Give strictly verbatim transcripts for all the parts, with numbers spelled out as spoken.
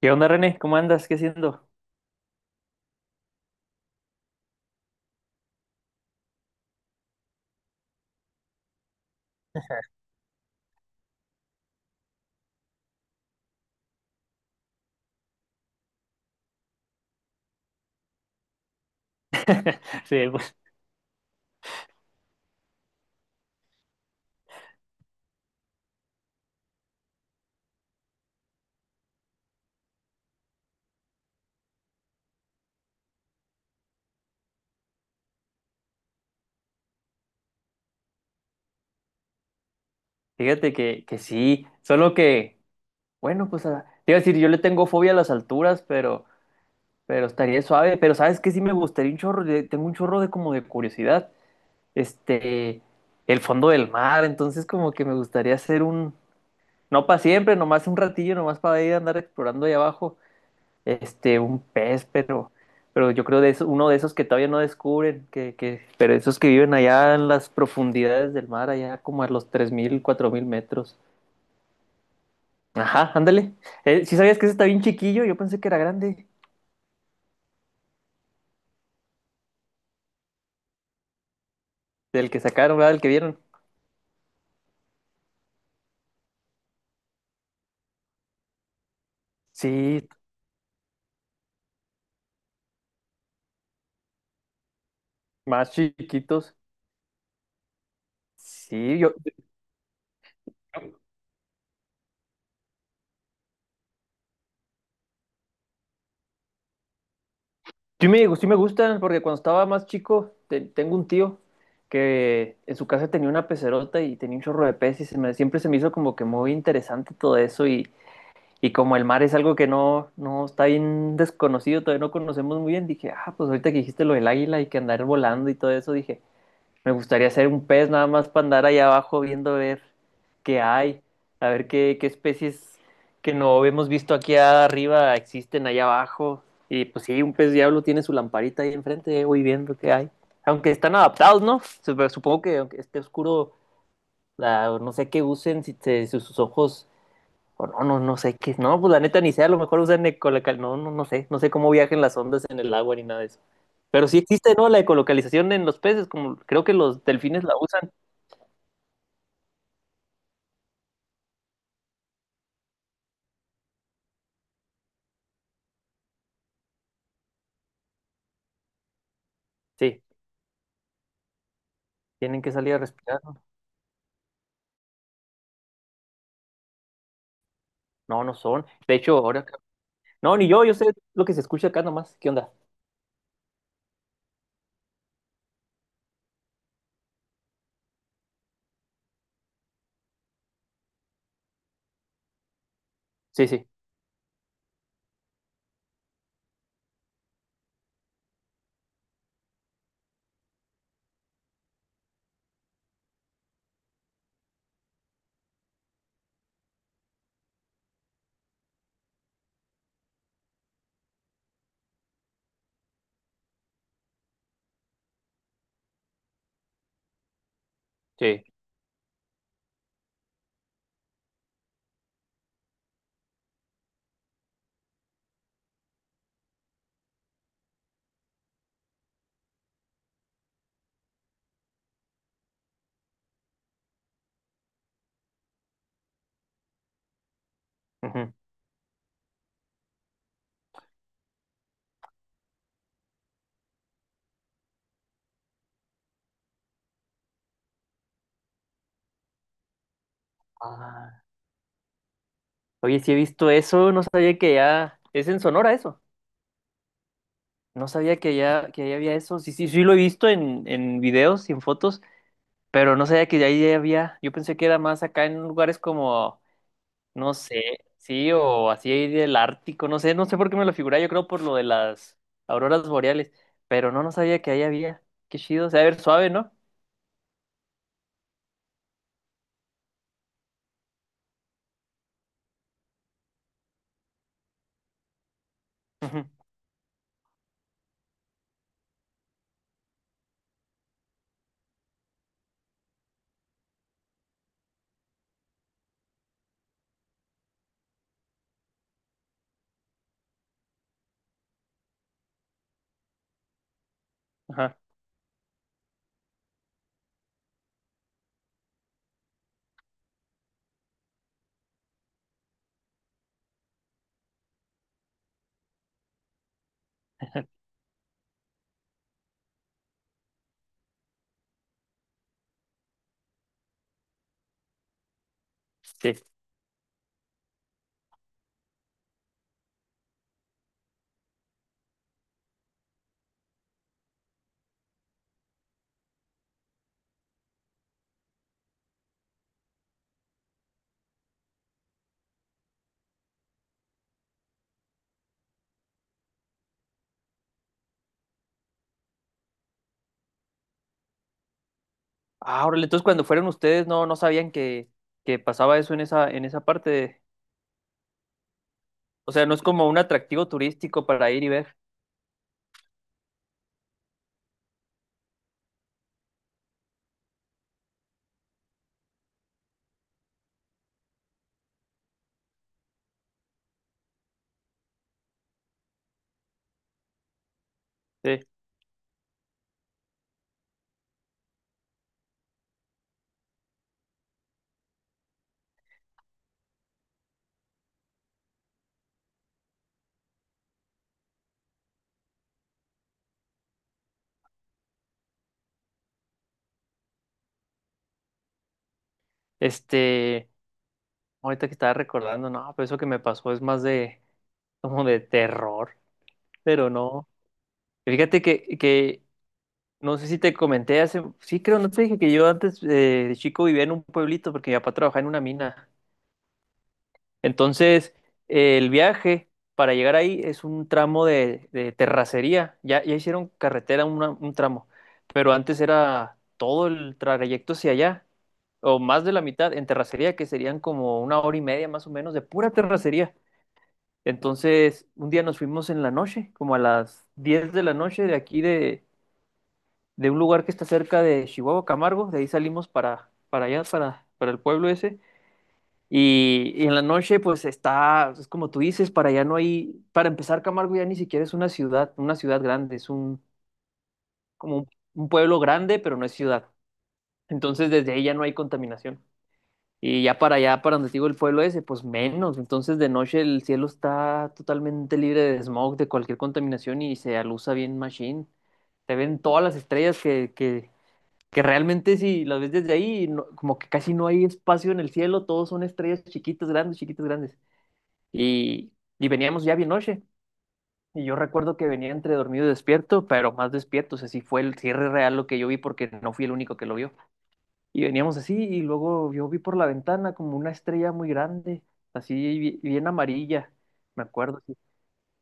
¿Qué onda, René? ¿Cómo andas? ¿Qué haciendo? Sí, pues fíjate que, que sí, solo que, bueno, pues a- te iba a decir, yo le tengo fobia a las alturas, pero, pero estaría suave, pero sabes que sí me gustaría un chorro, de- tengo un chorro de como de curiosidad, este, el fondo del mar, entonces como que me gustaría hacer un, no para siempre, nomás un ratillo, nomás para ir a andar explorando ahí abajo, este, un pez, pero, pero yo creo de eso, uno de esos que todavía no descubren, que, que, pero esos que viven allá en las profundidades del mar, allá como a los tres mil cuatro mil metros. Ajá, ándale. Eh, si sabías que ese está bien chiquillo, yo pensé que era grande, del que sacaron, ¿verdad? Del que vieron. Sí, más chiquitos. Sí, yo, sí me, sí me gustan, porque cuando estaba más chico, te- tengo un tío que en su casa tenía una pecerota y tenía un chorro de peces y se me- siempre se me hizo como que muy interesante todo eso y, Y como el mar es algo que no, no está bien desconocido, todavía no conocemos muy bien, dije, ah, pues ahorita que dijiste lo del águila y que andar volando y todo eso, dije, me gustaría ser un pez nada más para andar ahí abajo viendo a ver qué hay, a ver qué, qué especies que no hemos visto aquí arriba existen allá abajo. Y pues sí, un pez diablo tiene su lamparita ahí enfrente, eh, voy viendo qué hay. Aunque están adaptados, ¿no? Sup- Supongo que aunque esté oscuro, la- no sé qué usen, si te si sus ojos o no, no, no sé qué. No, pues la neta ni sé, a lo mejor usan ecolocal. No, no, no sé. No sé cómo viajan las ondas en el agua ni nada de eso. Pero sí existe, ¿no? La ecolocalización en los peces, como creo que los delfines la usan. Sí, tienen que salir a respirar. No, no, no son. De hecho, ahora. No, ni yo, yo sé lo que se escucha acá nomás. ¿Qué onda? Sí, sí, sí. Ujú. Ah, oye, sí he visto eso, no sabía que ya. Es en Sonora eso. No sabía que ya, que ya había eso. Sí, sí, sí lo he visto en, en videos y en fotos. Pero no sabía que de ahí había, yo pensé que era más acá en lugares como, no sé, sí, o así ahí del Ártico, no sé, no sé por qué me lo figuré, yo creo por lo de las auroras boreales, pero no, no sabía que ahí había, qué chido, o sea, a ver, suave, ¿no? Ujú. Ajá. Sí. Ah, órale, entonces cuando fueron ustedes no, no sabían que, que pasaba eso en esa, en esa parte de- o sea, no es como un atractivo turístico para ir y ver, sí. Este, ahorita que estaba recordando, no, pero eso que me pasó es más de, como de terror. Pero no. Fíjate que, que no sé si te comenté hace, sí creo, no te dije que yo antes eh, de chico vivía en un pueblito porque mi papá trabajaba en una mina. Entonces, eh, el viaje para llegar ahí es un tramo de, de terracería. Ya, ya hicieron carretera una- un tramo, pero antes era todo el trayecto hacia allá, o más de la mitad en terracería, que serían como una hora y media más o menos de pura terracería. Entonces, un día nos fuimos en la noche, como a las diez de la noche de aquí de de un lugar que está cerca de Chihuahua, Camargo, de ahí salimos para, para allá, para, para el pueblo ese. Y, y en la noche, pues está, es como tú dices, para allá no hay, para empezar, Camargo ya ni siquiera es una ciudad, una ciudad grande, es un, como un, un pueblo grande, pero no es ciudad. Entonces desde ahí ya no hay contaminación. Y ya para allá, para donde te digo el pueblo ese, pues menos. Entonces de noche el cielo está totalmente libre de smog, de cualquier contaminación y se alusa bien machine. Se ven todas las estrellas que, que, que realmente si las ves desde ahí, no- como que casi no hay espacio en el cielo, todos son estrellas chiquitas, grandes, chiquitas, grandes. Y, y veníamos ya bien noche. Y yo recuerdo que venía entre dormido y despierto, pero más despierto, o sea, sí fue el cierre real lo que yo vi porque no fui el único que lo vio. Y veníamos así y luego yo vi por la ventana como una estrella muy grande, así bi- bien amarilla, me acuerdo. Así.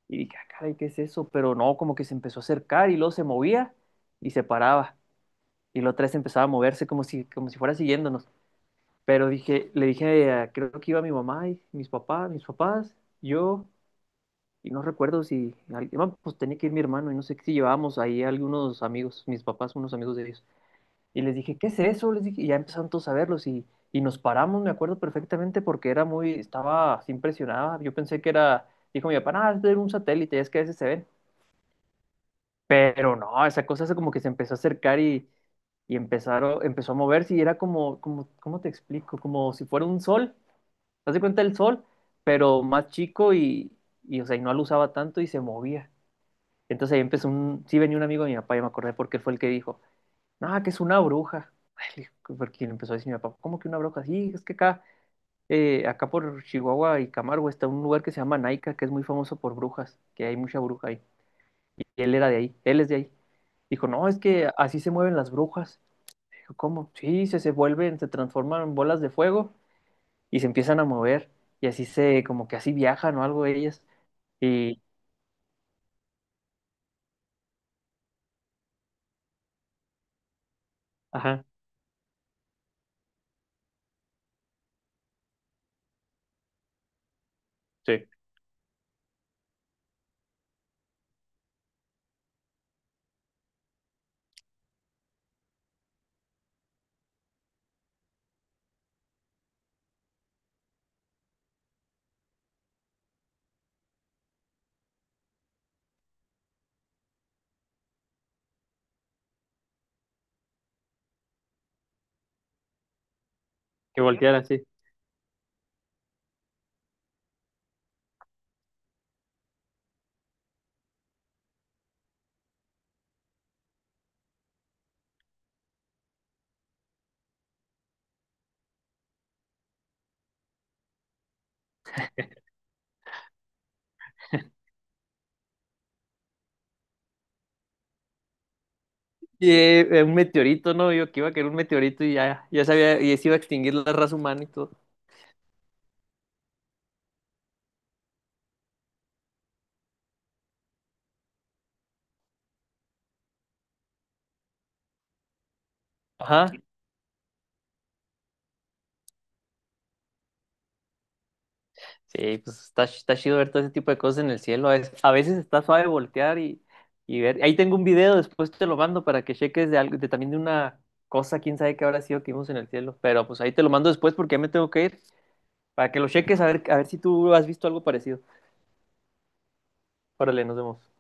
Y dije, "Ah, caray, ¿qué es eso?" Pero no, como que se empezó a acercar y luego se movía y se paraba. Y luego otra vez empezaba a moverse como si, como si fuera siguiéndonos. Pero dije, le dije, a- creo que iba mi mamá y mis papás, mis papás, yo, y no recuerdo si, al- ah, pues tenía que ir mi hermano, y no sé si llevábamos ahí algunos amigos, mis papás, unos amigos de ellos. Y les dije, ¿qué es eso? Les dije, y ya empezaron todos a verlos, y, y nos paramos, me acuerdo perfectamente, porque era muy, estaba así impresionada. Yo pensé que era, dijo mi papá, ah, es de un satélite, es que a veces se ven. Pero no, esa cosa se como que se empezó a acercar y, y empezaron, empezó a moverse, y era como, como, ¿cómo te explico? Como si fuera un sol. Haz de cuenta el sol, pero más chico y, y, o sea, y no lo usaba tanto y se movía. Entonces ahí empezó un, sí venía un amigo de mi papá, ya me acordé porque fue el que dijo, no, que es una bruja. Ay, le digo, porque le empezó a decir mi papá, ¿cómo que una bruja? Sí, es que acá, eh, acá por Chihuahua y Camargo está un lugar que se llama Naica, que es muy famoso por brujas, que hay mucha bruja ahí. Y él era de ahí, él es de ahí. Dijo, no, es que así se mueven las brujas. Dijo, ¿cómo? Sí, se, se vuelven, se transforman en bolas de fuego y se empiezan a mover y así se, como que así viajan o algo ellas y, ajá, sí, que voltearan así. Y eh, un meteorito, ¿no? Yo que iba a caer un meteorito y ya, ya sabía, y se iba a extinguir la raza humana y todo. Ajá, sí, pues está, ch- está chido ver todo ese tipo de cosas en el cielo. A veces, a veces está suave voltear y, y ver. Ahí tengo un video, después te lo mando para que cheques de algo, de también de una cosa, quién sabe qué habrá sido que vimos en el cielo. Pero pues ahí te lo mando después porque ya me tengo que ir, para que lo cheques a ver, a ver si tú has visto algo parecido. Órale, nos vemos.